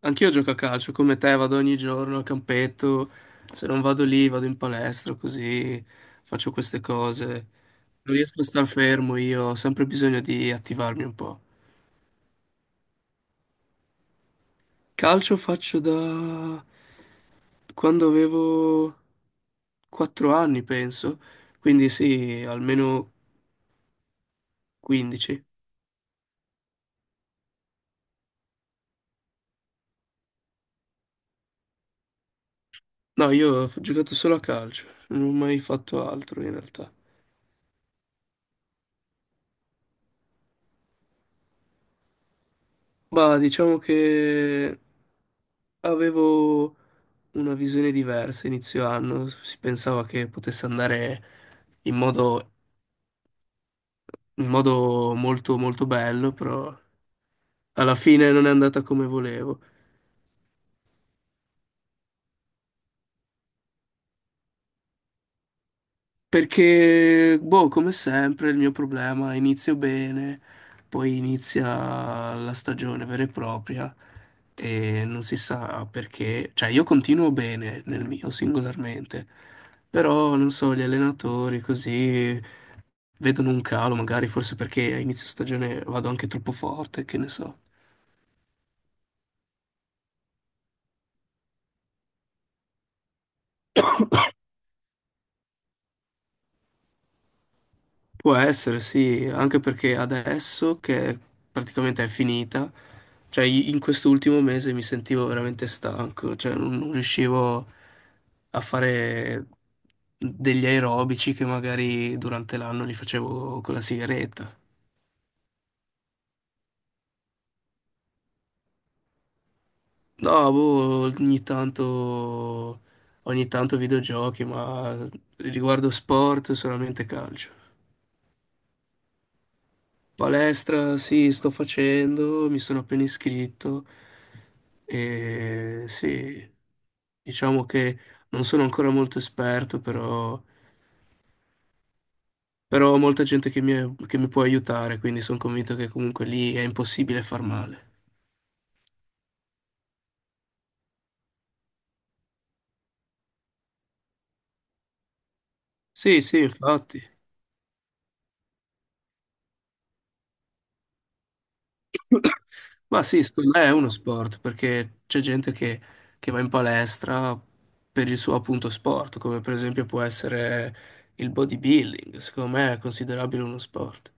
Anch'io gioco a calcio come te, vado ogni giorno al campetto, se non vado lì vado in palestra, così faccio queste cose. Non riesco a star fermo, io ho sempre bisogno di attivarmi un po'. Calcio faccio da quando avevo 4 anni, penso, quindi sì, almeno 15. No, io ho giocato solo a calcio, non ho mai fatto altro in realtà. Ma diciamo che avevo una visione diversa inizio anno, si pensava che potesse andare in modo, in modo molto molto bello, però alla fine non è andata come volevo. Perché, boh, come sempre, il mio problema, inizio bene, poi inizia la stagione vera e propria e non si sa perché. Cioè, io continuo bene nel mio singolarmente, però, non so, gli allenatori così vedono un calo, magari forse perché a inizio stagione vado anche troppo forte, che ne so. Può essere, sì, anche perché adesso che praticamente è finita, cioè in quest'ultimo mese mi sentivo veramente stanco, cioè non riuscivo a fare degli aerobici che magari durante l'anno li facevo con la sigaretta. No, boh, ogni tanto videogiochi, ma riguardo sport solamente calcio. Palestra, sì, sto facendo, mi sono appena iscritto e sì, diciamo che non sono ancora molto esperto, però, però ho molta gente che mi può aiutare, quindi sono convinto che comunque lì è impossibile far male. Sì, sì, infatti. Ma sì, secondo me è uno sport, perché c'è gente che va in palestra per il suo appunto sport, come per esempio può essere il bodybuilding, secondo me è considerabile uno sport.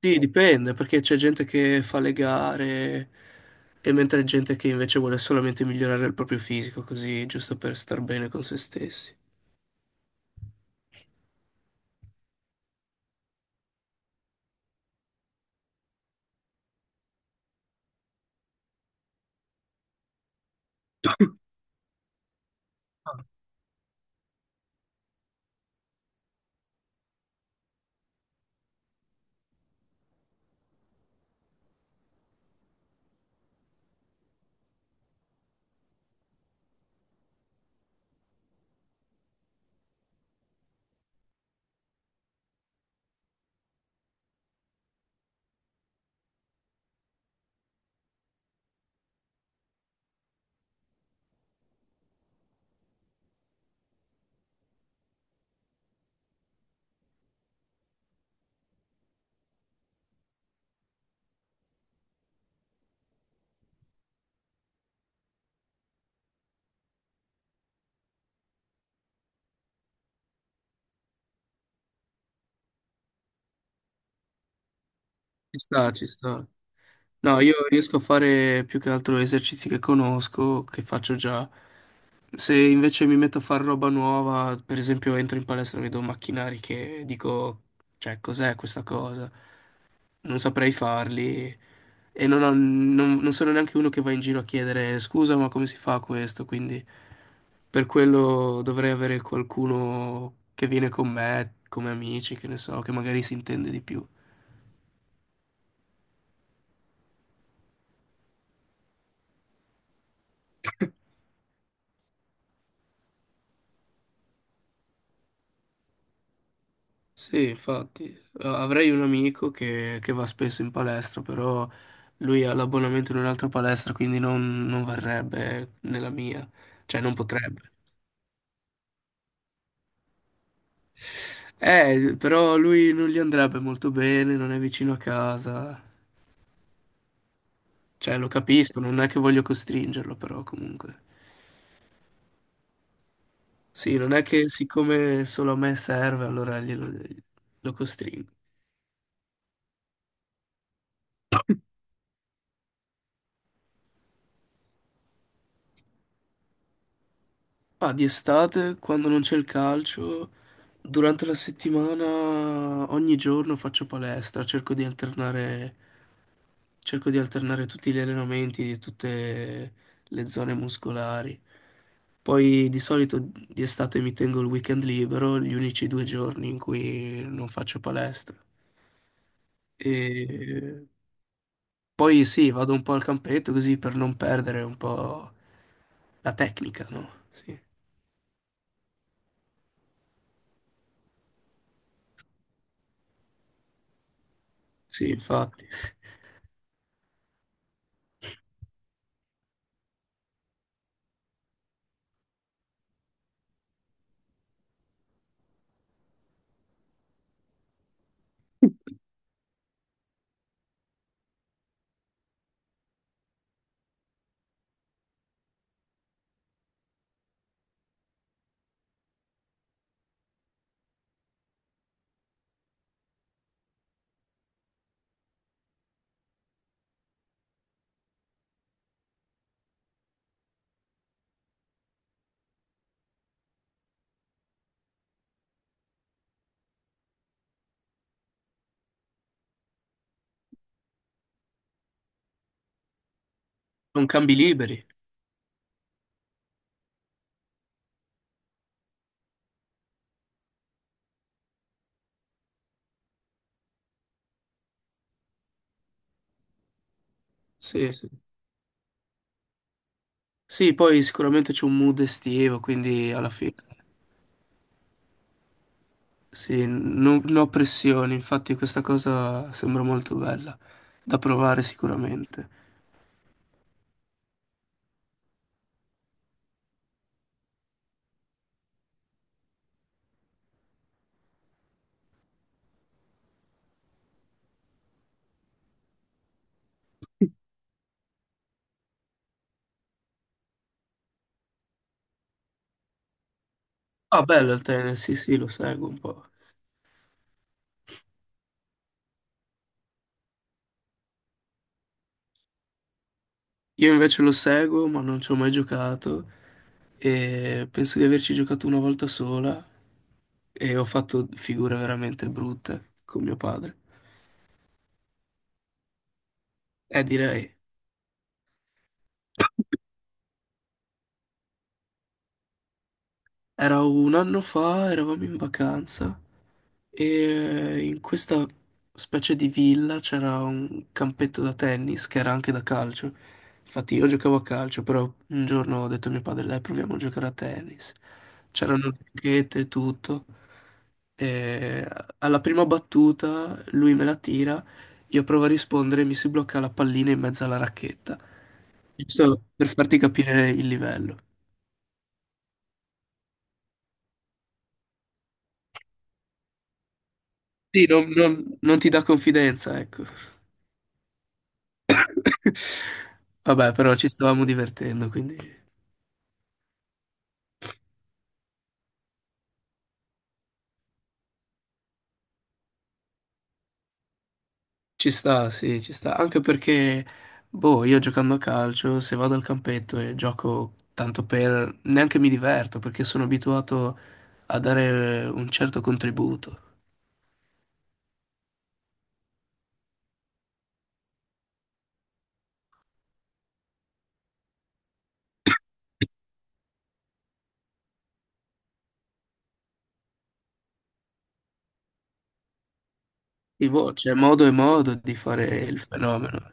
Sì, dipende, perché c'è gente che fa le gare e mentre gente che invece vuole solamente migliorare il proprio fisico, così giusto per star bene con se stessi. Ci sta, ci sta. No, io riesco a fare più che altro esercizi che conosco, che faccio già. Se invece mi metto a fare roba nuova, per esempio entro in palestra e vedo macchinari che dico, cioè, cos'è questa cosa? Non saprei farli. E non, non sono neanche uno che va in giro a chiedere scusa, ma come si fa questo? Quindi... Per quello dovrei avere qualcuno che viene con me, come amici, che ne so, che magari si intende di più. Sì, infatti, avrei un amico che va spesso in palestra, però lui ha l'abbonamento in un'altra palestra, quindi non, non varrebbe nella mia, cioè non potrebbe. Però lui non gli andrebbe molto bene, non è vicino a casa, cioè lo capisco, non è che voglio costringerlo, però comunque. Sì, non è che siccome solo a me serve, allora glielo, lo costringo. Ma di estate, quando non c'è il calcio, durante la settimana, ogni giorno faccio palestra, cerco di alternare tutti gli allenamenti di tutte le zone muscolari. Poi di solito di estate mi tengo il weekend libero, gli unici due giorni in cui non faccio palestra. E poi sì, vado un po' al campetto così per non perdere un po' la tecnica, no? Sì, sì, infatti. Non cambi liberi. Sì, sì. Sì, poi sicuramente c'è un mood estivo, quindi alla fine sì, non non ho pressioni, infatti questa cosa sembra molto bella da provare sicuramente. Ah, bello il tennis, sì, sì, lo seguo un po'. Io invece lo seguo, ma non ci ho mai giocato e penso di averci giocato una volta sola e ho fatto figure veramente brutte con mio padre. Direi. Era un anno fa, eravamo in vacanza e in questa specie di villa c'era un campetto da tennis che era anche da calcio. Infatti io giocavo a calcio, però un giorno ho detto a mio padre, dai, proviamo a giocare a tennis. C'erano le racchette e tutto. E alla prima battuta lui me la tira, io provo a rispondere e mi si blocca la pallina in mezzo alla racchetta. Giusto per farti capire il livello. Sì, non ti dà confidenza, ecco. Vabbè, però ci stavamo divertendo, quindi ci sta, sì, ci sta. Anche perché, boh, io giocando a calcio, se vado al campetto e gioco tanto per... neanche mi diverto, perché sono abituato a dare un certo contributo. E boh, c'è modo e modo di fare il fenomeno.